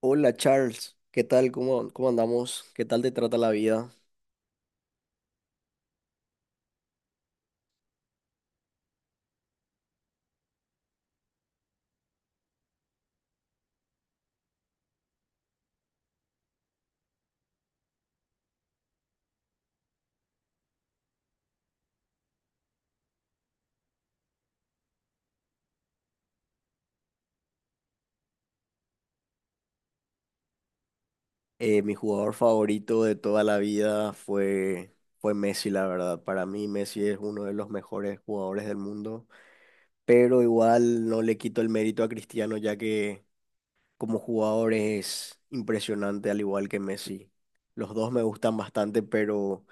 Hola Charles, ¿qué tal? ¿Cómo andamos? ¿Qué tal te trata la vida? Mi jugador favorito de toda la vida fue Messi, la verdad. Para mí Messi es uno de los mejores jugadores del mundo, pero igual no le quito el mérito a Cristiano ya que como jugador es impresionante al igual que Messi. Los dos me gustan bastante, pero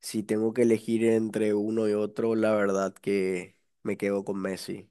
si tengo que elegir entre uno y otro, la verdad que me quedo con Messi.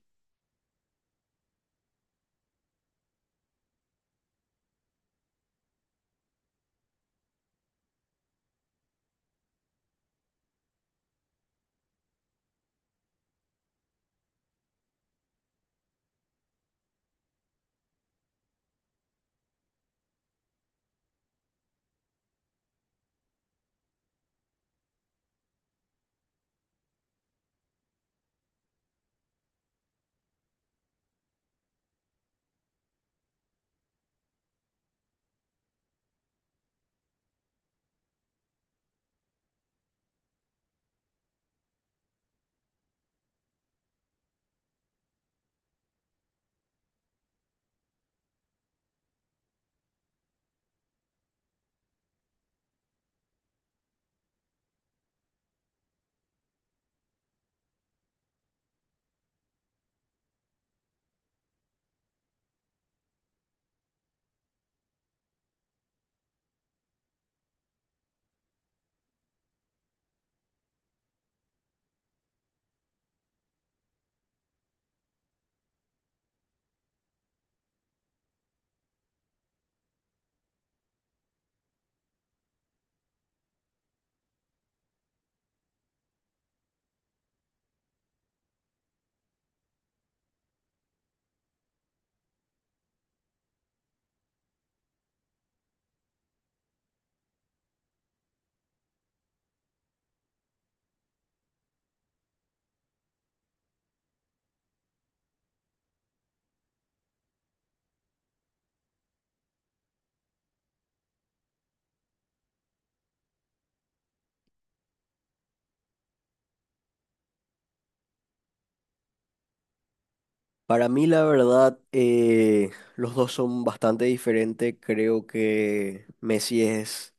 Para mí, la verdad, los dos son bastante diferentes. Creo que Messi es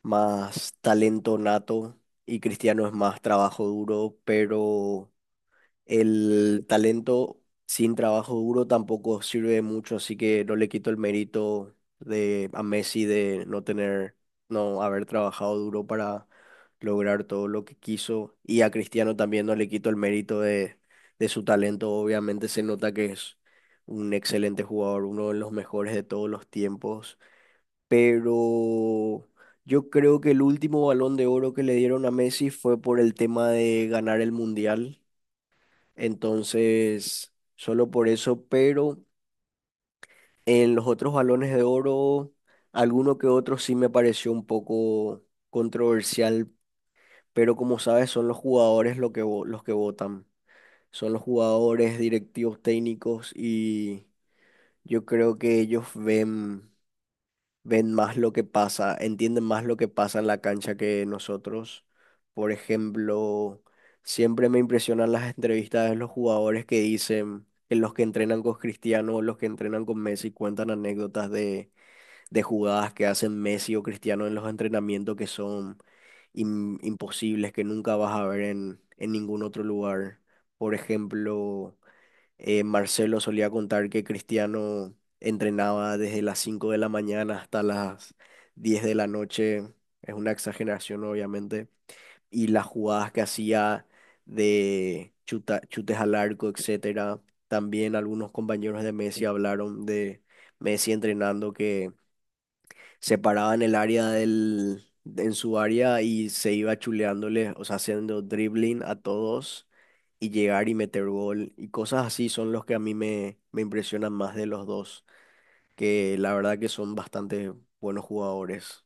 más talento nato y Cristiano es más trabajo duro, pero el talento sin trabajo duro tampoco sirve de mucho, así que no le quito el mérito de a Messi de no tener, no haber trabajado duro para lograr todo lo que quiso. Y a Cristiano también no le quito el mérito de su talento. Obviamente se nota que es un excelente jugador, uno de los mejores de todos los tiempos. Pero yo creo que el último balón de oro que le dieron a Messi fue por el tema de ganar el Mundial, entonces, solo por eso, pero en los otros balones de oro, alguno que otro sí me pareció un poco controversial, pero como sabes, son los jugadores lo que, los que votan. Son los jugadores, directivos técnicos y yo creo que ellos ven, más lo que pasa, entienden más lo que pasa en la cancha que nosotros. Por ejemplo, siempre me impresionan las entrevistas de los jugadores que dicen que los que entrenan con Cristiano o los que entrenan con Messi cuentan anécdotas de jugadas que hacen Messi o Cristiano en los entrenamientos que son imposibles, que nunca vas a ver en ningún otro lugar. Por ejemplo... Marcelo solía contar que Cristiano entrenaba desde las 5 de la mañana hasta las 10 de la noche. Es una exageración, obviamente. Y las jugadas que hacía de chutes al arco, etcétera. También algunos compañeros de Messi hablaron de Messi entrenando que separaban el área del en su área y se iba chuleándole, o sea, haciendo dribbling a todos y llegar y meter gol y cosas así son los que a mí me impresionan más de los dos, que la verdad que son bastante buenos jugadores.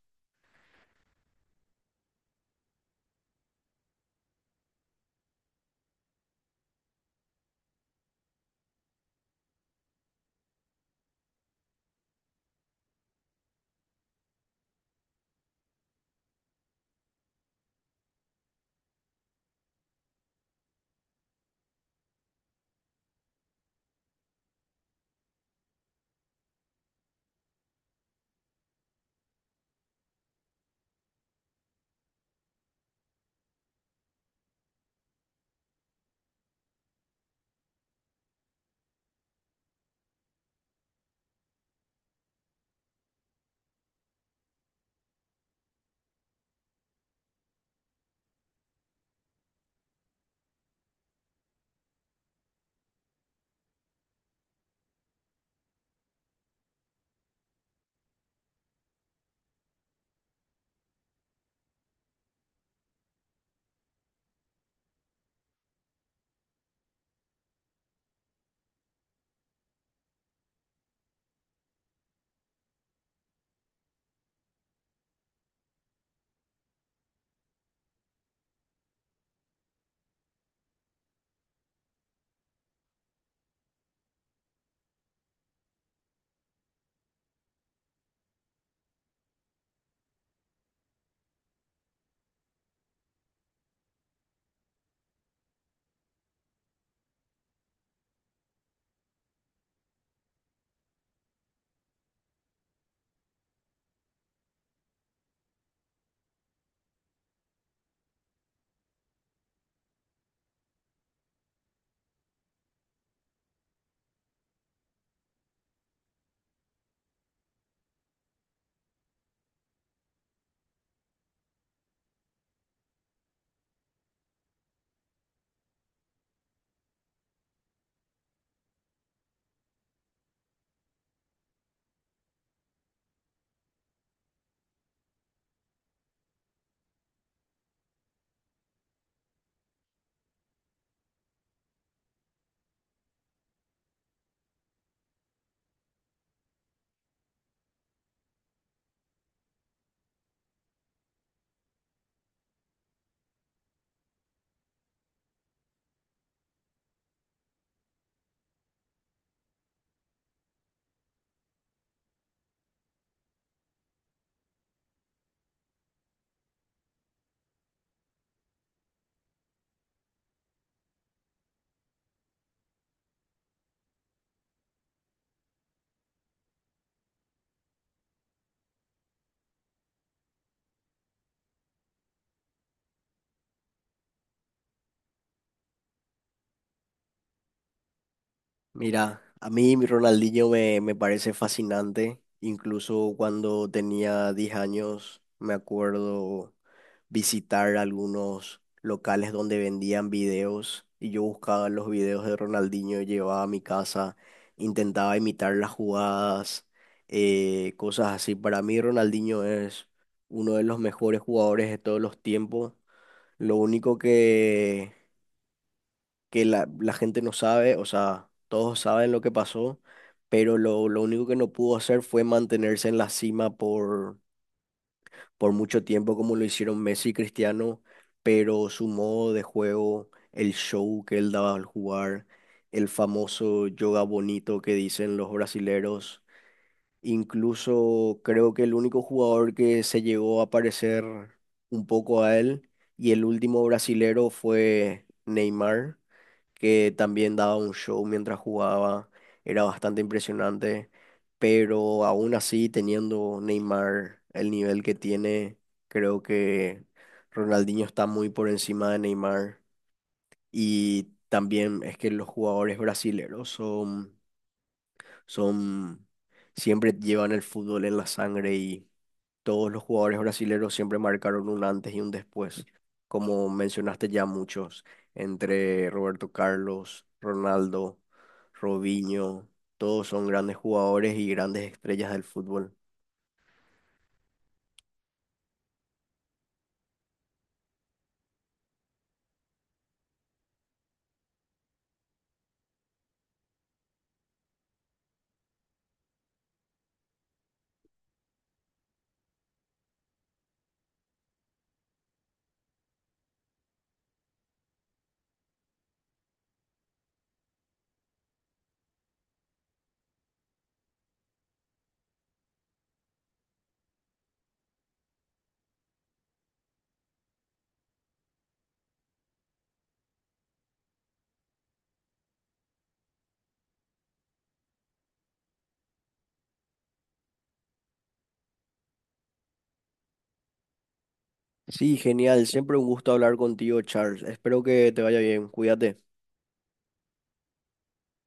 Mira, a mí mi Ronaldinho me parece fascinante, incluso cuando tenía 10 años, me acuerdo. Visitar algunos locales donde vendían videos y yo buscaba los videos de Ronaldinho, llevaba a mi casa, intentaba imitar las jugadas, cosas así. Para mí Ronaldinho es uno de los mejores jugadores de todos los tiempos. Lo único que la gente no sabe, o sea, todos saben lo que pasó, pero lo único que no pudo hacer fue mantenerse en la cima por mucho tiempo como lo hicieron Messi y Cristiano, pero su modo de juego, el show que él daba al jugar, el famoso yoga bonito que dicen los brasileros. Incluso creo que el único jugador que se llegó a parecer un poco a él y el último brasilero fue Neymar, que también daba un show mientras jugaba, era bastante impresionante, pero aún así teniendo Neymar el nivel que tiene, creo que Ronaldinho está muy por encima de Neymar, y también es que los jugadores brasileños son, siempre llevan el fútbol en la sangre, y todos los jugadores brasileños siempre marcaron un antes y un después. Como mencionaste ya muchos, entre Roberto Carlos, Ronaldo, Robinho, todos son grandes jugadores y grandes estrellas del fútbol. Sí, genial, siempre un gusto hablar contigo, Charles. Espero que te vaya bien, cuídate.